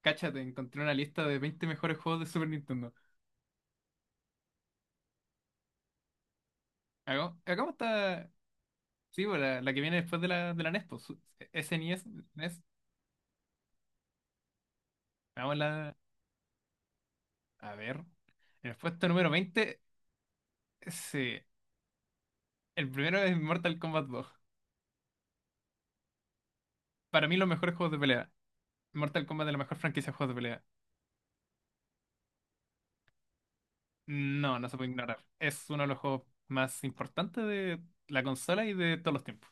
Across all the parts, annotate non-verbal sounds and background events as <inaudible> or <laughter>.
Cáchate, encontré una lista de 20 mejores juegos de Super Nintendo. Hagamos esta, sí, pues, la que viene después de la NES, pues, SNES, NES. Hagamos a ver. En el puesto número 20, sí. El primero es Mortal Kombat 2. Para mí, los mejores juegos de pelea. Mortal Kombat es la mejor franquicia de juegos de pelea. No, no se puede ignorar. Es uno de los juegos más importantes de la consola y de todos los tiempos.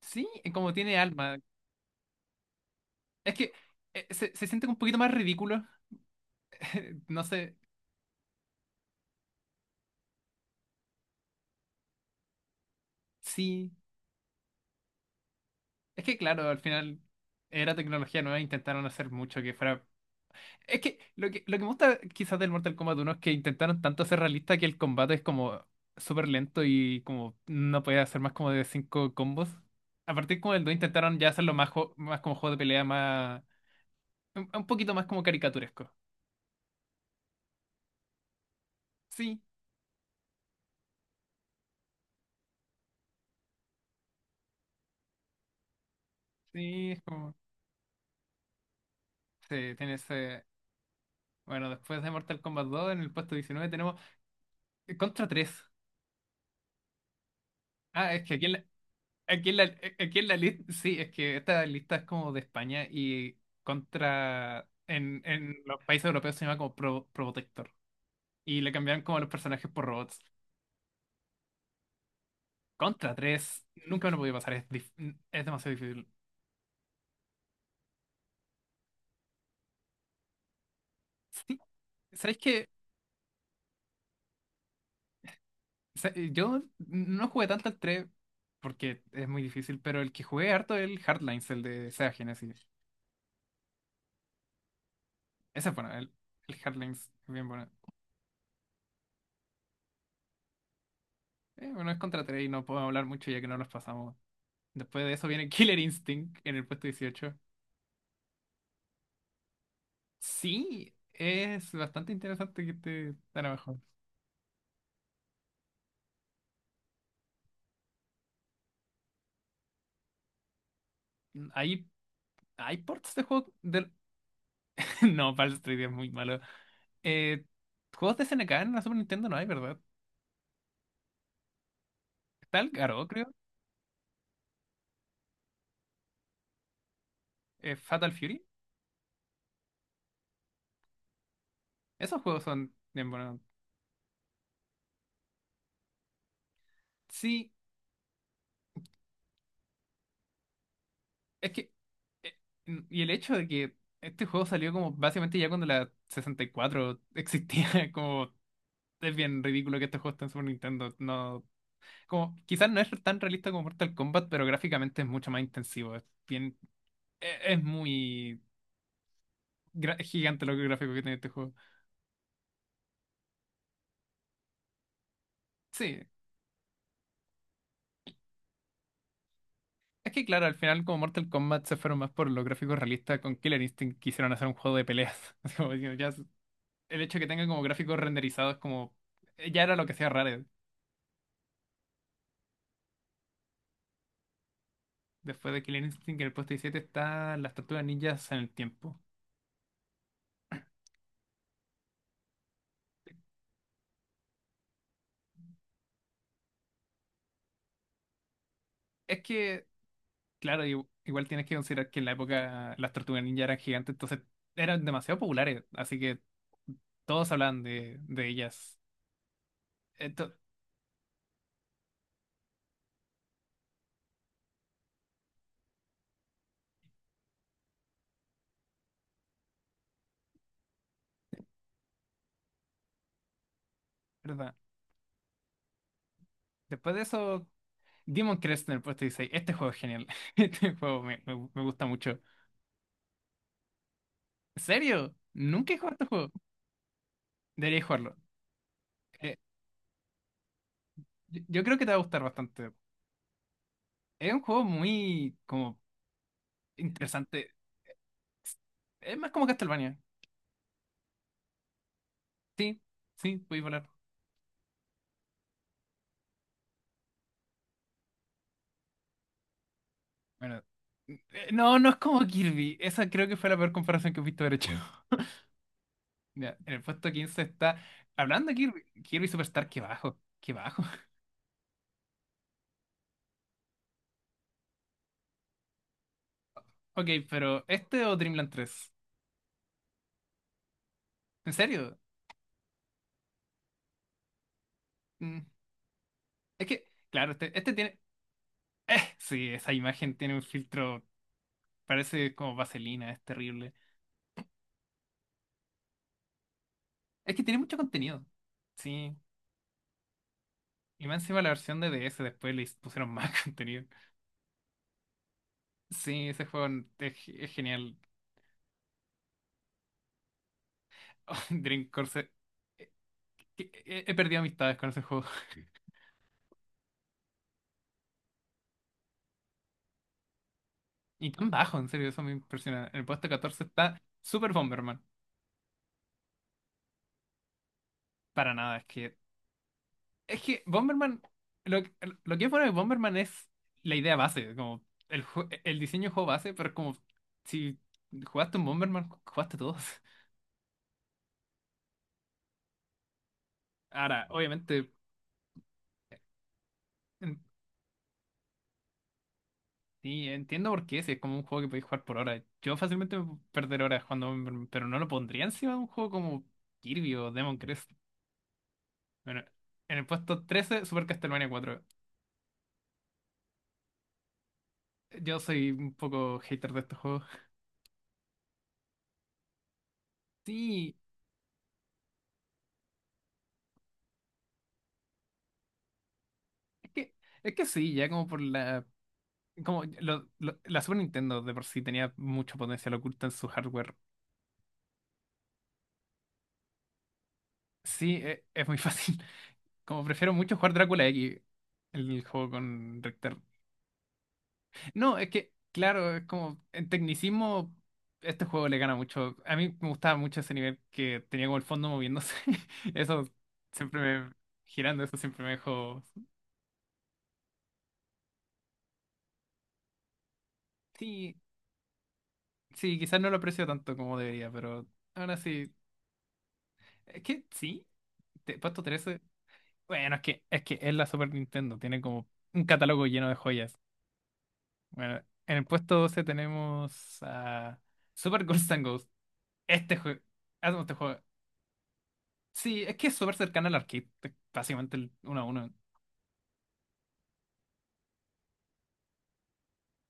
Sí, como tiene alma. Es que se siente un poquito más ridículo. <laughs> No sé, sí. Es que claro, al final era tecnología nueva, intentaron hacer mucho que fuera. Es que lo que me gusta quizás del Mortal Kombat uno es que intentaron tanto ser realista que el combate es como súper lento y como no podía hacer más como de cinco combos. A partir como del 2 intentaron ya hacerlo más, más como juego de pelea, más. Un poquito más como caricaturesco. Sí, sí, es como. Sí, tiene ese. Bueno, después de Mortal Kombat dos en el puesto 19 tenemos Contra tres. Ah, es que aquí en la lista, <laughs> sí, es que esta lista es como de España y contra, en los países europeos se llama como Probotector. Y le cambiaron como los personajes por robots. Contra tres nunca me lo podía pasar, es demasiado difícil. Sí, ¿sabes qué? Yo no jugué tanto al 3 porque es muy difícil, pero el que jugué harto es el Hardlines, el de Sega Genesis. Ese es bueno, el Hardlines es bien bueno. Bueno, es contra tres y no puedo hablar mucho ya que no los pasamos. Después de eso viene Killer Instinct en el puesto 18. Sí, es bastante interesante que esté tan abajo. Hay, hay ports de juegos de. <laughs> No, Baldur's Street es muy malo. Eh, Juegos de SNK en la Super Nintendo no hay, ¿verdad? Está el Garou, creo. Fatal Fury. Esos juegos son bien buenos. Sí, es que. eh, y el hecho de que este juego salió como básicamente ya cuando la 64 existía, <laughs> como. Es bien ridículo que estos juegos estén en Super Nintendo. No, como, quizás no es tan realista como Mortal Kombat, pero gráficamente es mucho más intensivo. Es bien, muy gigante los gráficos que tiene este juego. Sí, es que claro, al final como Mortal Kombat se fueron más por los gráficos realistas, con Killer Instinct quisieron hacer un juego de peleas. <laughs> Así como diciendo, ya, el hecho de que tenga como gráficos renderizados como ya era lo que hacía Rare. Después de Killer Instinct en el puesto 17 está las tortugas ninjas en el tiempo. Es que claro, igual tienes que considerar que en la época las tortugas ninja eran gigantes, entonces eran demasiado populares, así que todos hablaban de ellas. Esto, ¿verdad? Después de eso, Demon Crest en el puesto 16. Este juego es genial. <laughs> Este juego me gusta mucho. ¿En serio? Nunca he jugado este juego. Deberías jugarlo. Eh, yo creo que te va a gustar bastante. Es un juego muy como interesante. Es más como Castlevania. Sí, sí, puedes volar. Bueno, eh, no, no es como Kirby. Esa creo que fue la peor comparación que he visto haber hecho. <laughs> Mira, en el puesto 15 está. Hablando de Kirby, Kirby Superstar, qué bajo, qué bajo. <laughs> Ok, pero ¿este o Dreamland tres? ¿En serio? Mm, es que, claro, este tiene. Sí, esa imagen tiene un filtro. Parece como vaselina, es terrible. Es que tiene mucho contenido. Sí. Y más encima la versión de DS después le pusieron más <laughs> contenido. Sí, ese juego es genial. <laughs> Dream Course He perdido amistades con ese juego. <laughs> Y tan bajo, en serio, eso me impresiona. En el puesto 14 está Super Bomberman. Para nada, es que. Es que Bomberman. Lo, que- lo que es bueno de Bomberman es la idea base, como el diseño de juego base, pero es como si jugaste un Bomberman, jugaste todos. <laughs> Ahora, obviamente, en- y entiendo por qué, si es como un juego que podéis jugar por horas. Yo fácilmente me puedo perder horas jugando Bomberman, pero no lo pondría encima de un juego como Kirby o Demon Crest. Bueno, en el puesto 13 Super Castlevania cuatro. Yo soy un poco hater de estos juegos. Sí, es que, es que sí, ya como por la. Como la Super Nintendo de por sí tenía mucho potencial oculto en su hardware. Sí, muy <laughs> fácil. Como prefiero mucho jugar Drácula X, el juego con Richter. No, es que, claro, es como en tecnicismo, este juego le gana mucho. A mí me gustaba mucho ese nivel que tenía como el fondo moviéndose. <laughs> Eso siempre me, Girando, eso siempre me dejó. Sí, sí, quizás no lo aprecio tanto como debería, pero ahora sí. Es que sí, puesto 13. Bueno, es que es la Super Nintendo, tiene como un catálogo lleno de joyas. Bueno, en el puesto 12 tenemos a Super Ghost and Ghost. Este juego, hacemos este juego. Sí, es que es súper cercano al arcade, es básicamente el uno a uno.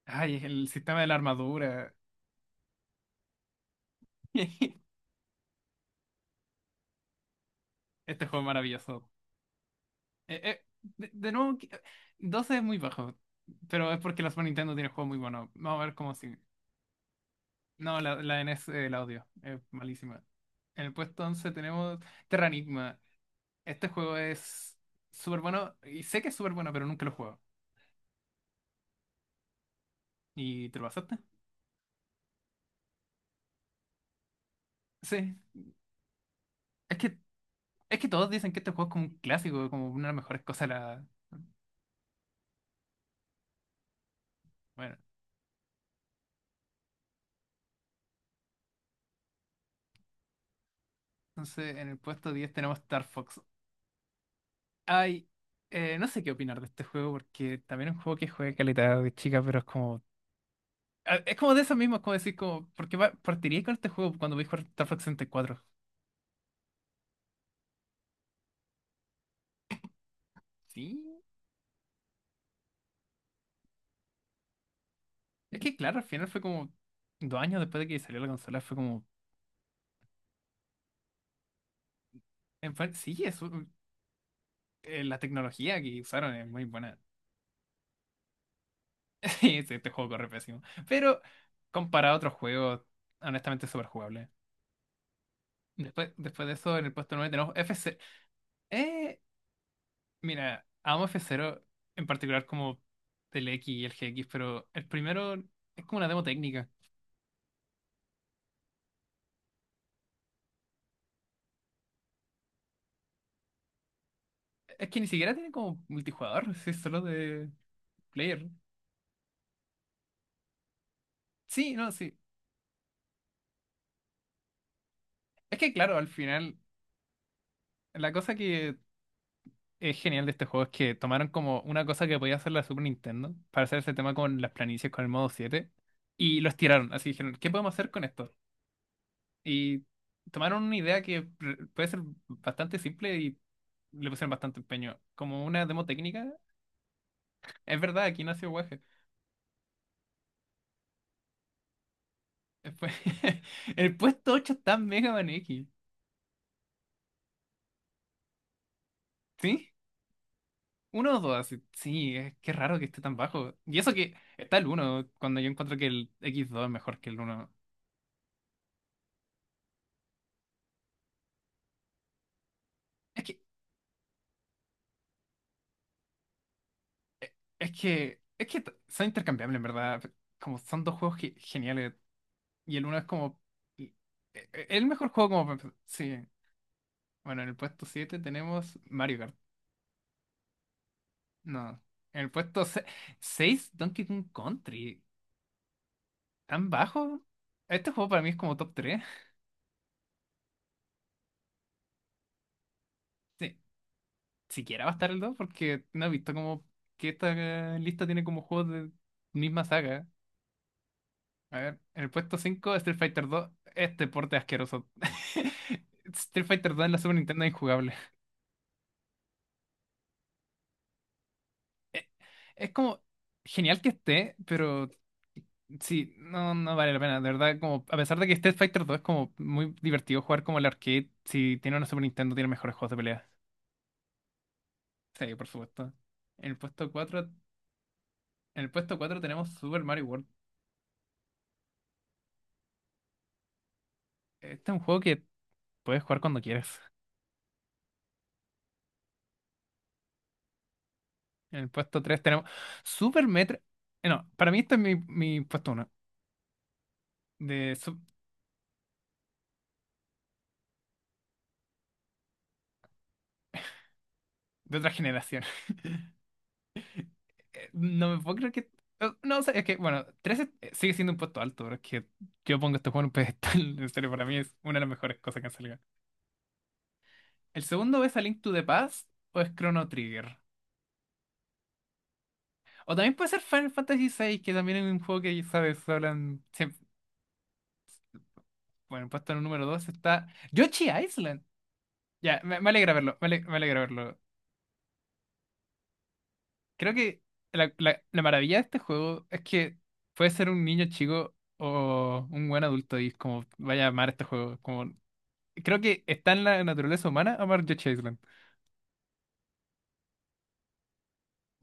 Ay, el sistema de la armadura. <laughs> Este juego es maravilloso. Eh, eh, de nuevo, 12 es muy bajo, pero es porque la Super Nintendo tiene juegos muy buenos. Vamos a ver cómo sigue. No, la n NES, el audio, es malísima. En el puesto 11 tenemos Terranigma. Este juego es súper bueno, y sé que es súper bueno, pero nunca lo he jugado. ¿Y te lo pasaste? Sí. Es que, es que todos dicen que este juego es como un clásico, como una de las mejores cosas de la. Bueno, entonces en el puesto 10 tenemos Star Fox. Ay, no sé qué opinar de este juego, porque también es un juego que juega calidad de chica, pero es como. Es como de eso mismo, es como decir, como, ¿por qué partiría con este juego cuando voy a jugar Star Fox 64? Sí. Es que claro, al final fue como 2 años después de que salió la consola, fue como, sí, la tecnología que usaron es muy buena. <laughs> Sí, este juego corre pésimo. Pero comparado a otros juegos, honestamente es súper jugable. Después de eso, en el puesto 9 tenemos F0. Eh, Mira, amo F0, en particular como el X y el GX, pero el primero es como una demo técnica. Es que ni siquiera tiene como multijugador, <laughs> si es solo de player. Sí, no, sí. Es que claro, al final, la cosa que es genial de este juego es que tomaron como una cosa que podía hacer la Super Nintendo para hacer ese tema con las planicies con el modo 7 y los tiraron. Así dijeron, ¿qué podemos hacer con esto? Y tomaron una idea que puede ser bastante simple y le pusieron bastante empeño. Como una demo técnica, es verdad, aquí nació Waje. Después, <laughs> el puesto 8 está en Mega Man X, ¿sí? Uno o dos, así. Sí, es que raro que esté tan bajo. Y eso que está el uno cuando yo encuentro que el x dos es mejor que el uno. Es que, es que son intercambiables, en verdad. Como son dos juegos geniales. Y el uno es como. y- El mejor juego como para empezar. Sí. Bueno, en el puesto 7 tenemos Mario Kart. No. En el puesto 6 Donkey Kong Country. ¿Tan bajo? Este juego para mí es como top tres. <laughs> Sí. Siquiera va a estar el 2 porque no he visto como que esta lista tiene como juegos de misma saga. A ver, en el puesto 5 Street Fighter dos este porte asqueroso. <laughs> Street Fighter dos en la Super Nintendo es injugable. Eh, Es como genial que esté, pero sí, no, no vale la pena. De verdad, como a pesar de que Street Fighter dos es como muy divertido jugar como el arcade, si tiene una Super Nintendo tiene mejores juegos de pelea. Sí, por supuesto. En el puesto 4 en el puesto 4 tenemos Super Mario World. Este es un juego que puedes jugar cuando quieras. En el puesto 3 tenemos Super Metro. No, para mí este es mi puesto uno de, su- de otra generación. <laughs> No me puedo creer que. No, o sea, es que, bueno, 13 sigue siendo un puesto alto, pero es que yo pongo este juego en un pedestal. <laughs> En serio, para mí es una de las mejores cosas que han salido. El segundo es A Link to the Past o es Chrono Trigger. O también puede ser Final Fantasy VI, que también es un juego que, sabes, hablan siempre. Bueno, puesto en el número 2 está Yoshi Island. Ya, me alegra verlo, me alegra verlo. Creo que la maravilla de este juego es que puede ser un niño chico o un buen adulto y es como vaya a amar este juego. Como, creo que está en la naturaleza humana amar Yoshi's Island.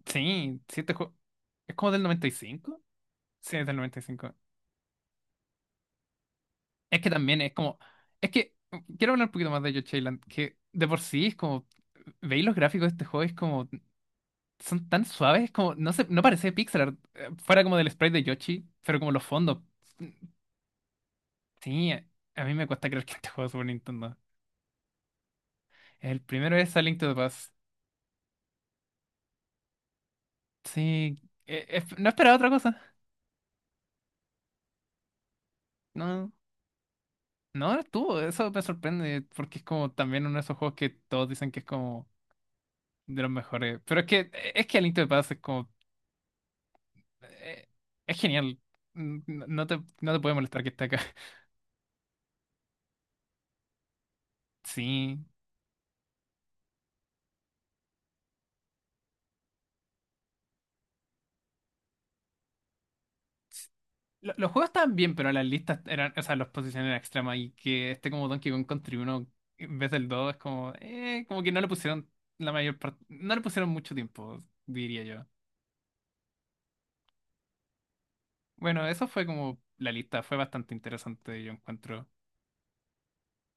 Sí, sí, este juego es como del 95. Sí, es del 95. Es que también es como. Es que quiero hablar un poquito más de Yoshi's Island, que de por sí es como. ¿Veis los gráficos de este juego? Es como. Son tan suaves, es como. No sé, no parece pixel art. Fuera como del sprite de Yoshi, pero como los fondos. Sí, a mí me cuesta creer que este juego es Super Nintendo. El primero es A Link to the Past. Sí, no esperaba otra cosa. No, no estuvo, eso me sorprende porque es como también uno de esos juegos que todos dicen que es como de los mejores. Pero es que es que A Link to the Past es como eh, es genial. No te puede molestar que esté acá. <laughs> Sí. Los juegos estaban bien, pero las listas eran, o sea, los posiciones eran extremas y que este como Donkey Kong Country 1 en vez del 2 es como, como que no le pusieron la mayor parte, no le pusieron mucho tiempo, diría yo. Bueno, eso fue como la lista, fue bastante interesante, yo encuentro.